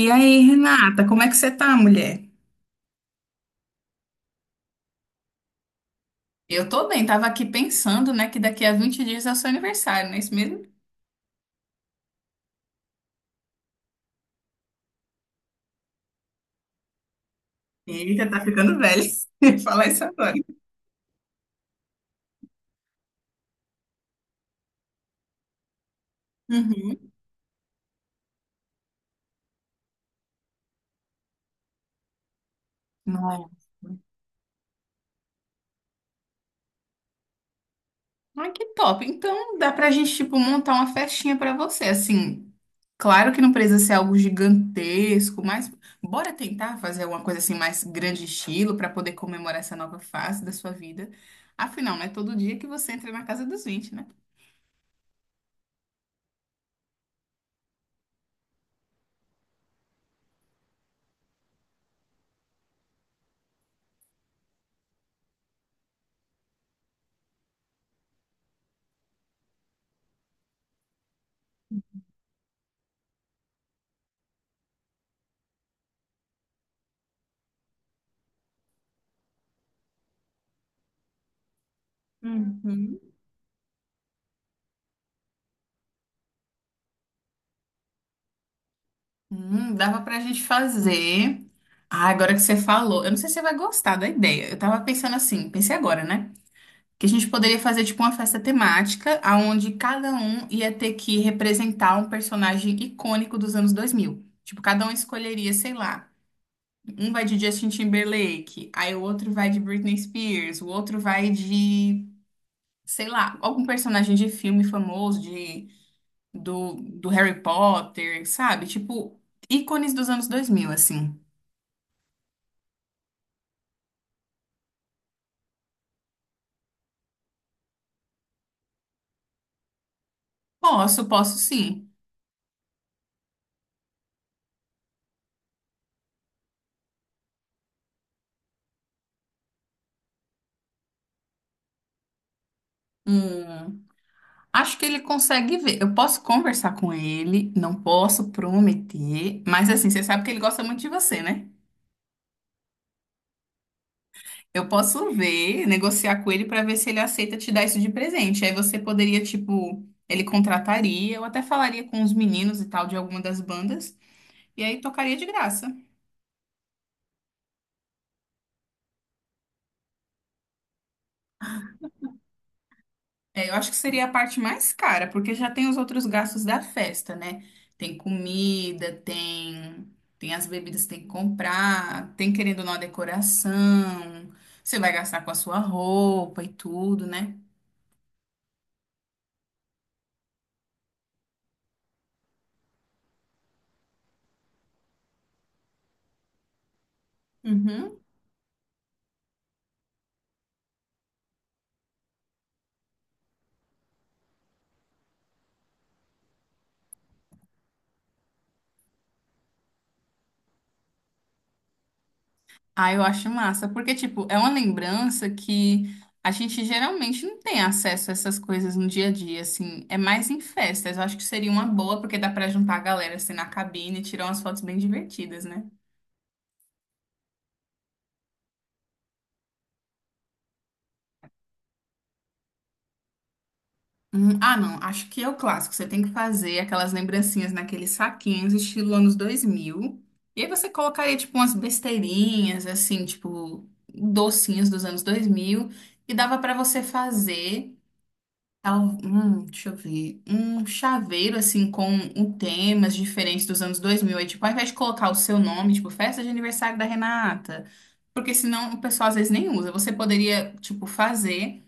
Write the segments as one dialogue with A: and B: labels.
A: E aí, Renata, como é que você tá, mulher? Eu tô bem, tava aqui pensando, né, que daqui a 20 dias é o seu aniversário, não é isso mesmo? Eita, tá ficando velha. Falar isso agora. Uhum. Nossa. Ai, que top. Então, dá pra gente, tipo, montar uma festinha pra você, assim. Claro que não precisa ser algo gigantesco, mas bora tentar fazer alguma coisa assim mais grande estilo pra poder comemorar essa nova fase da sua vida. Afinal, não é todo dia que você entra na casa dos 20, né? Uhum. Dava pra gente fazer. Ah, agora que você falou, eu não sei se você vai gostar da ideia. Eu tava pensando assim, pensei agora, né? Que a gente poderia fazer tipo uma festa temática, aonde cada um ia ter que representar um personagem icônico dos anos 2000. Tipo, cada um escolheria, sei lá. Um vai de Justin Timberlake, aí o outro vai de Britney Spears, o outro vai de, sei lá, algum personagem de filme famoso, de, do Harry Potter, sabe? Tipo, ícones dos anos 2000 assim. Posso, posso sim. Hum, acho que ele consegue ver. Eu posso conversar com ele, não posso prometer, mas assim, você sabe que ele gosta muito de você, né? Eu posso ver, negociar com ele para ver se ele aceita te dar isso de presente. Aí você poderia, tipo, ele contrataria, eu até falaria com os meninos e tal de alguma das bandas, e aí tocaria de graça. É, eu acho que seria a parte mais cara, porque já tem os outros gastos da festa, né? Tem comida, tem, tem as bebidas que tem que comprar, tem querendo ou não a decoração, você vai gastar com a sua roupa e tudo, né? Uhum. Ah, eu acho massa, porque, tipo, é uma lembrança que a gente geralmente não tem acesso a essas coisas no dia a dia, assim, é mais em festas. Eu acho que seria uma boa, porque dá pra juntar a galera, assim, na cabine e tirar umas fotos bem divertidas, né? Ah, não. Acho que é o clássico. Você tem que fazer aquelas lembrancinhas naqueles saquinhos, estilo anos 2000. E aí você colocaria, tipo, umas besteirinhas, assim, tipo, docinhos dos anos 2000. E dava pra você fazer, deixa eu ver, um chaveiro, assim, com um temas diferentes dos anos 2000. Aí, tipo, ao invés de colocar o seu nome, tipo, festa de aniversário da Renata. Porque senão o pessoal às vezes nem usa. Você poderia, tipo, fazer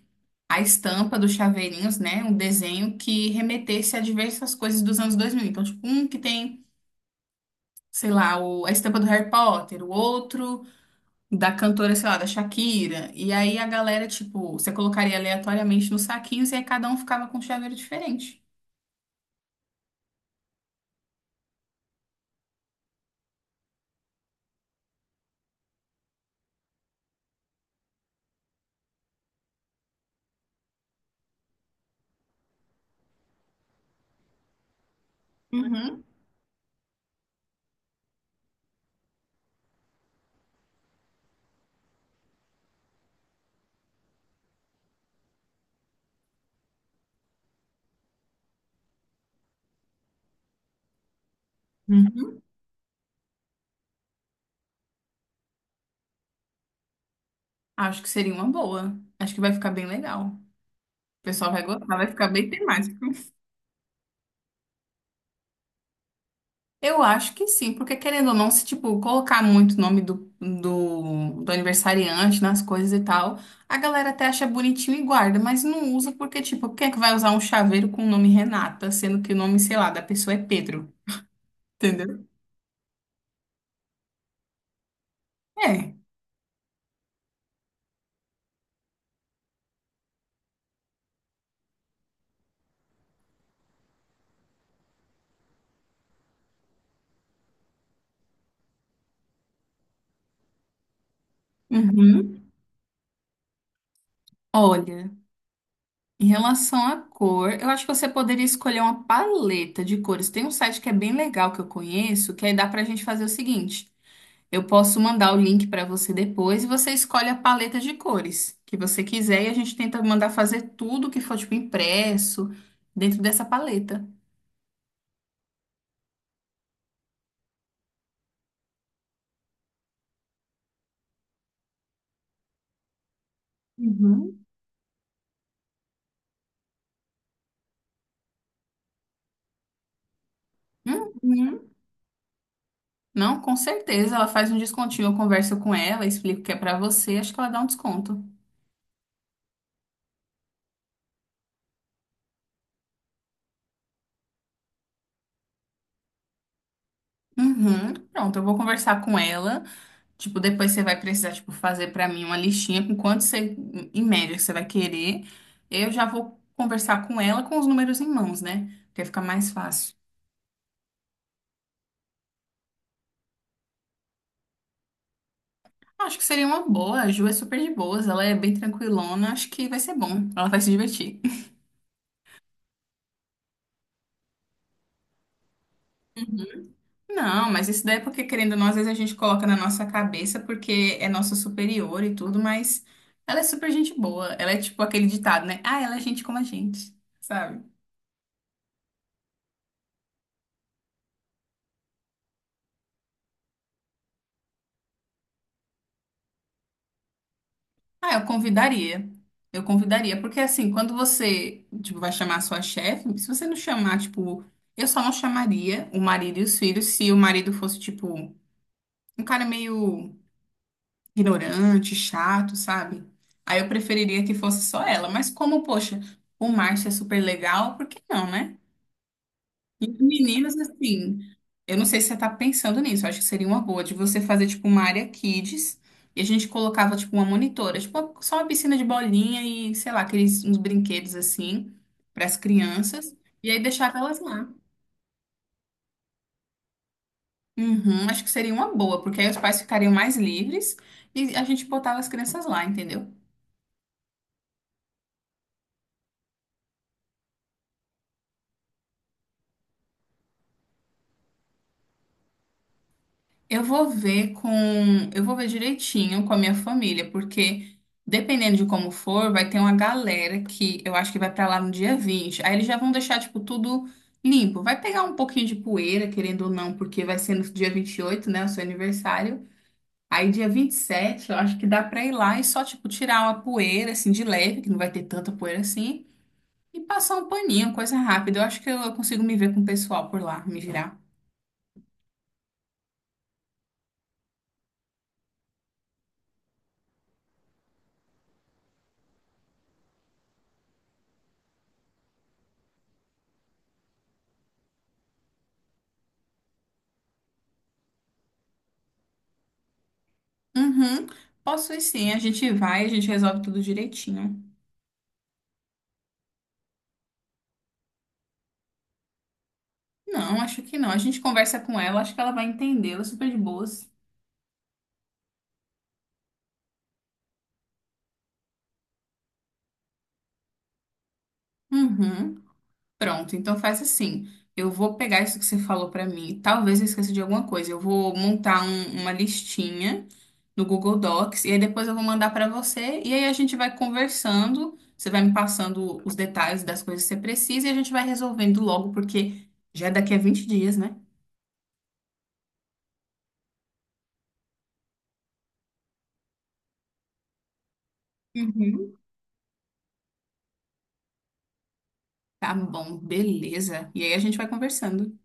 A: a estampa dos chaveirinhos, né? Um desenho que remetesse a diversas coisas dos anos 2000. Então, tipo, um que tem, sei lá, a estampa do Harry Potter, o outro da cantora, sei lá, da Shakira. E aí a galera, tipo, você colocaria aleatoriamente nos saquinhos e aí cada um ficava com um chaveiro diferente. Uhum. Uhum. Acho que seria uma boa. Acho que vai ficar bem legal. O pessoal vai gostar, vai ficar bem temático. Eu acho que sim, porque querendo ou não, se tipo, colocar muito o nome do aniversariante nas coisas e tal, a galera até acha bonitinho e guarda, mas não usa porque, tipo, quem é que vai usar um chaveiro com o nome Renata, sendo que o nome, sei lá, da pessoa é Pedro, entendeu? É. Uhum. Olha, em relação à cor, eu acho que você poderia escolher uma paleta de cores. Tem um site que é bem legal que eu conheço, que aí dá pra gente fazer o seguinte. Eu posso mandar o link para você depois e você escolhe a paleta de cores que você quiser e a gente tenta mandar fazer tudo que for tipo impresso dentro dessa paleta. Uhum. Uhum. Não, com certeza, ela faz um descontinho. Eu converso com ela, explico que é para você, acho que ela dá um desconto. Uhum. Pronto, eu vou conversar com ela. Tipo, depois você vai precisar, tipo, fazer para mim uma listinha com quanto você, em média, que você vai querer. Eu já vou conversar com ela com os números em mãos, né? Porque fica mais fácil. Acho que seria uma boa. A Ju é super de boas, ela é bem tranquilona. Acho que vai ser bom. Ela vai se divertir. Não, mas isso daí é porque, querendo ou não, às vezes a gente coloca na nossa cabeça porque é nosso superior e tudo, mas ela é super gente boa. Ela é tipo aquele ditado, né? Ah, ela é gente como a gente, sabe? Ah, eu convidaria. Eu convidaria, porque assim, quando você, tipo, vai chamar a sua chefe, se você não chamar, tipo, eu só não chamaria o marido e os filhos se o marido fosse, tipo, um cara meio ignorante, chato, sabe? Aí eu preferiria que fosse só ela. Mas como, poxa, o Márcio é super legal, por que não, né? E os meninos, assim, eu não sei se você tá pensando nisso, eu acho que seria uma boa de você fazer, tipo, uma área kids e a gente colocava, tipo, uma monitora, tipo, só uma piscina de bolinha e, sei lá, aqueles uns brinquedos, assim, para as crianças e aí deixava elas lá. Uhum, acho que seria uma boa, porque aí os pais ficariam mais livres e a gente botava as crianças lá, entendeu? Eu vou ver com, eu vou ver direitinho com a minha família, porque dependendo de como for, vai ter uma galera que eu acho que vai pra lá no dia 20. Aí eles já vão deixar tipo tudo limpo. Vai pegar um pouquinho de poeira, querendo ou não, porque vai ser no dia 28, né, o seu aniversário. Aí dia 27, eu acho que dá pra ir lá e só tipo tirar uma poeira assim de leve, que não vai ter tanta poeira assim, e passar um paninho, coisa rápida. Eu acho que eu consigo me ver com o pessoal por lá, me virar. Uhum. Posso ir sim, a gente vai, a gente resolve tudo direitinho. Não, acho que não. A gente conversa com ela, acho que ela vai entender, ela é super de boas. Uhum. Pronto, então faz assim. Eu vou pegar isso que você falou pra mim. Talvez eu esqueça de alguma coisa. Eu vou montar uma listinha no Google Docs e aí depois eu vou mandar pra você e aí a gente vai conversando. Você vai me passando os detalhes das coisas que você precisa e a gente vai resolvendo logo, porque já é daqui a 20 dias, né? Uhum. Tá bom, beleza. E aí a gente vai conversando.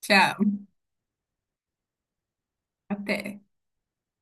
A: Tchau, até.